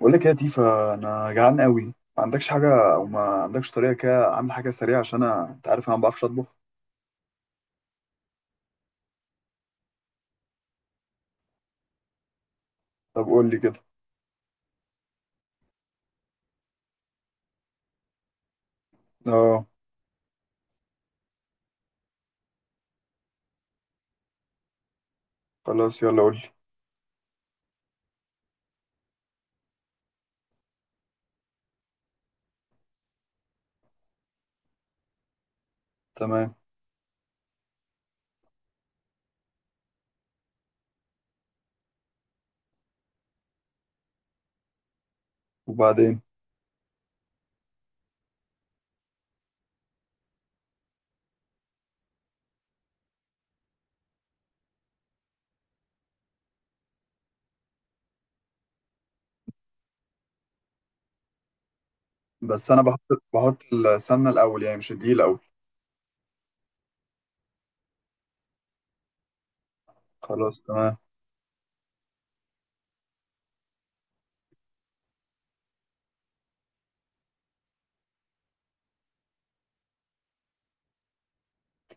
بقول لك يا تيفا، انا جعان قوي. ما عندكش حاجه او ما عندكش طريقه كده اعمل حاجه سريعه؟ عشان انا انت عارف انا ما بعرفش اطبخ. طب قول لي كده. اه. خلاص يلا قول لي. تمام. وبعدين؟ بس انا بحط السمنه الاول، يعني مش الدقيق الاول؟ خلاص تمام.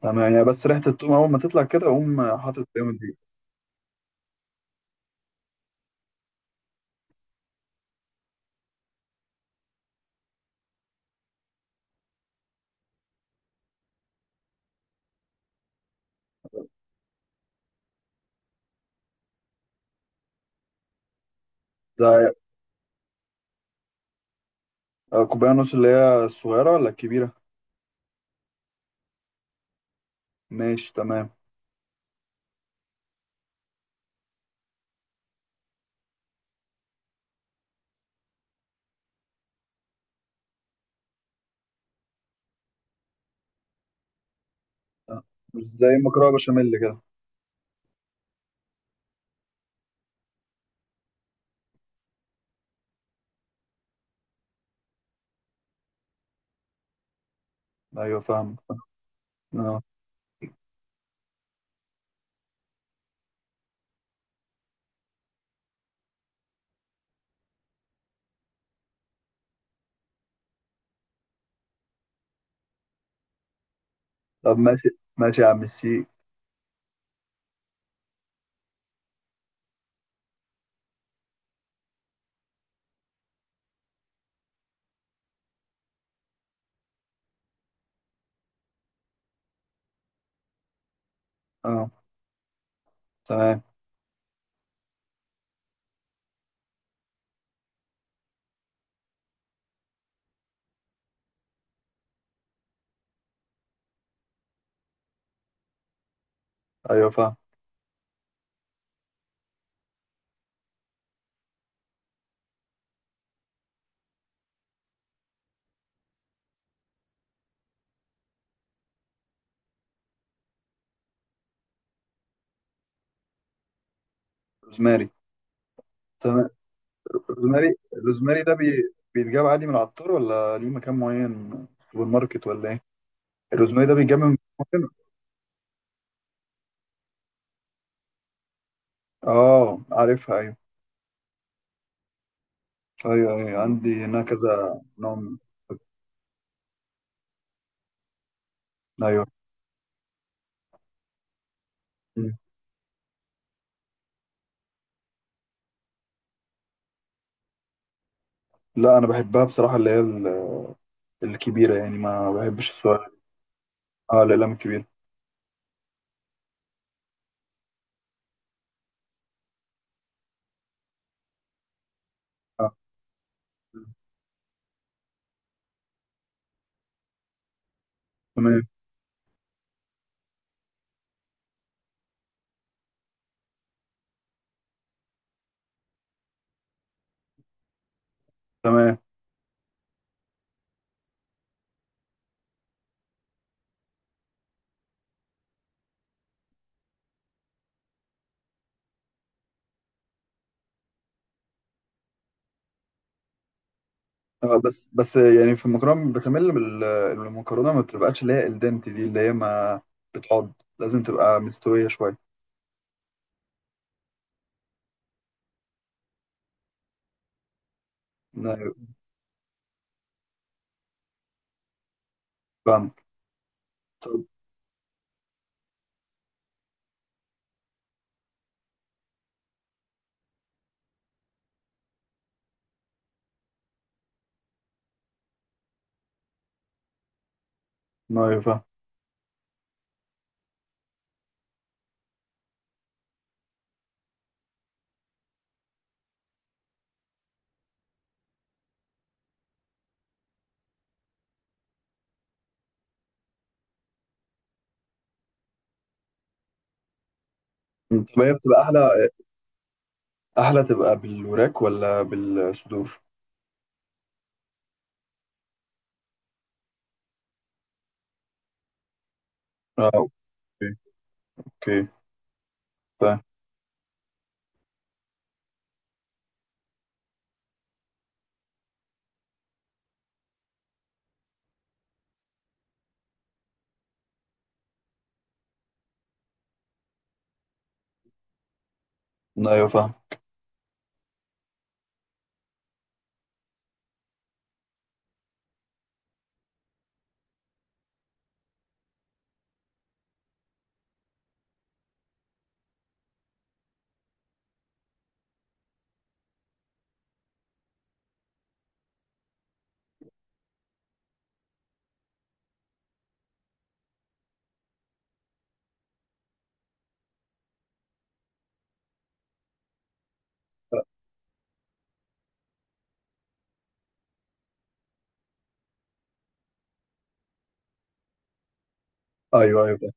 تمام يعني، بس ريحه الثوم اول ما تطلع كده اقوم حاطط فيهم الدقيق؟ ده كوبايه ونص اللي هي الصغيره ولا الكبيره؟ ماشي تمام. آه، مش زي المكرونه بشاميل كده. ايوه فاهم. اه. طب ماشي. ماشي يا عم الشيخ. اه. تمام. ايوه فاهم. روزماري. تمام. روزماري. الروزماري ده بيتجاب عادي من العطار، ولا ليه مكان معين سوبر ماركت ولا ايه؟ الروزماري ده بيتجاب من مكان معين؟ اه عارفها، ايوه ايوه. ايوه، عندي هنا كذا نوع ايوه. مم. لا انا بحبها بصراحه، اللي هي الكبيره، يعني ما بحبش السؤال. اه، الاقلام الكبيره. اه. تمام. تمام. بس بس يعني، في المكرونه بشاميل المكرونه ما بتبقاش اللي هي الدنت دي، اللي هي ما بتقعد؟ لازم تبقى مستويه شويه. أيوة، فاهم. ما فاهم. طب هي بتبقى احلى؟ احلى تبقى بالوراك ولا بالصدور؟ اه. اوكي. اوكي. فاهم. ايوه فاهم. ايوه ايوه فاهم.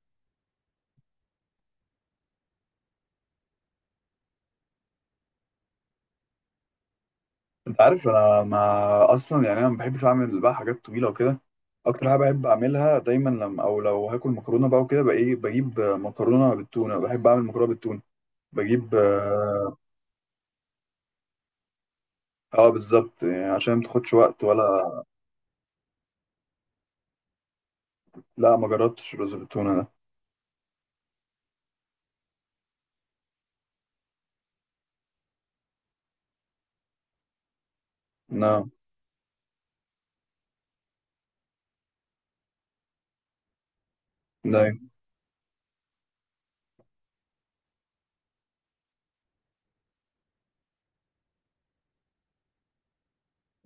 انت عارف انا ما اصلا، يعني انا ما بحبش اعمل بقى حاجات طويله وكده. اكتر حاجه بحب اعملها دايما لما او لو هاكل مكرونه بقى وكده، بقى ايه، بجيب مكرونه بالتونه. بحب اعمل مكرونه بالتونه. بجيب، اه. بالظبط، يعني عشان ما تاخدش وقت ولا. لا ما جربتش الرز بالتونه ده. لا. لا.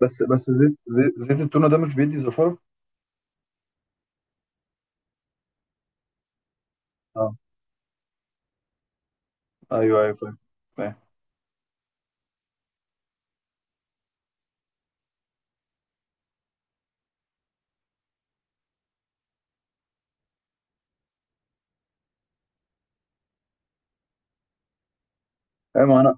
بس بس، زيت التونه ده مش بيدي زفاره؟ آه. ايوه ايوه فاهم. فاهم. ايوه ما انا.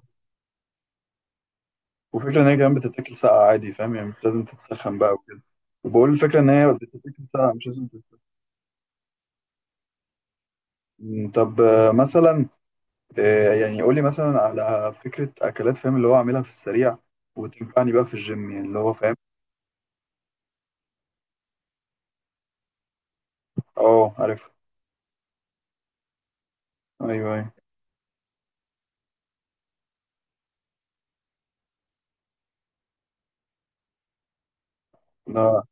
وفكره ان هي كمان بتتاكل ساقعه عادي، فاهم، يعني مش لازم تتخن بقى وكده. وبقول، الفكره ان هي بتتاكل ساقعه، مش لازم تتخن. طب، مثلا، يعني قول لي مثلا على فكره اكلات، فاهم، اللي هو اعملها في السريع وتنفعني بقى في الجيم، يعني اللي هو فاهم. اه عارف. ايوه ايوه. لا.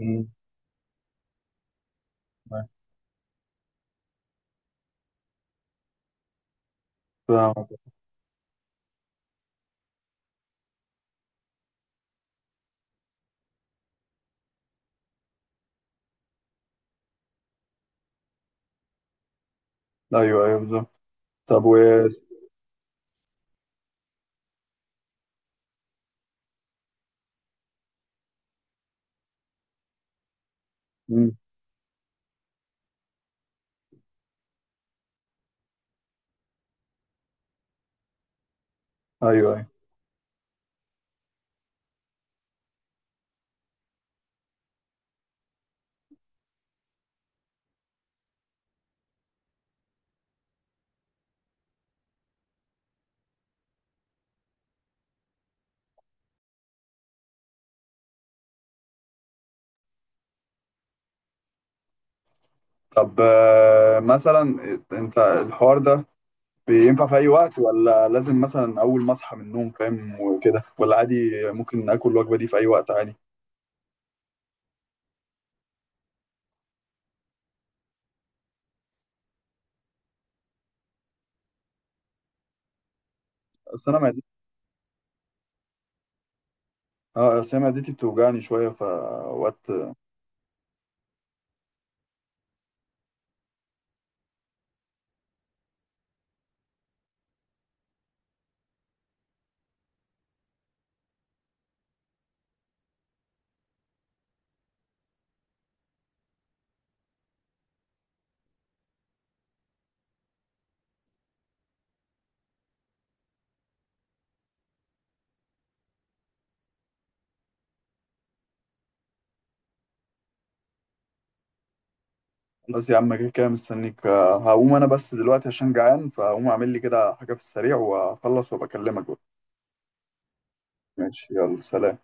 أمم، فاهم. ايوه ايوه بالظبط. طب و أمم، ايوه ايوه. طب، مثلا إيه، انت الحوار ده بينفع في اي وقت، ولا لازم مثلا اول ما اصحى من النوم، فاهم وكده، ولا عادي؟ ممكن اكل الوجبه دي في اي وقت عادي؟ اصل انا معدتي. اه، اصل أنا معدتي بتوجعني شويه فوقت. خلاص يا عم، كده كده مستنيك. هقوم انا بس دلوقتي عشان جعان، فهقوم اعمل لي كده حاجه في السريع واخلص وبكلمك بقى. ماشي، يلا سلام.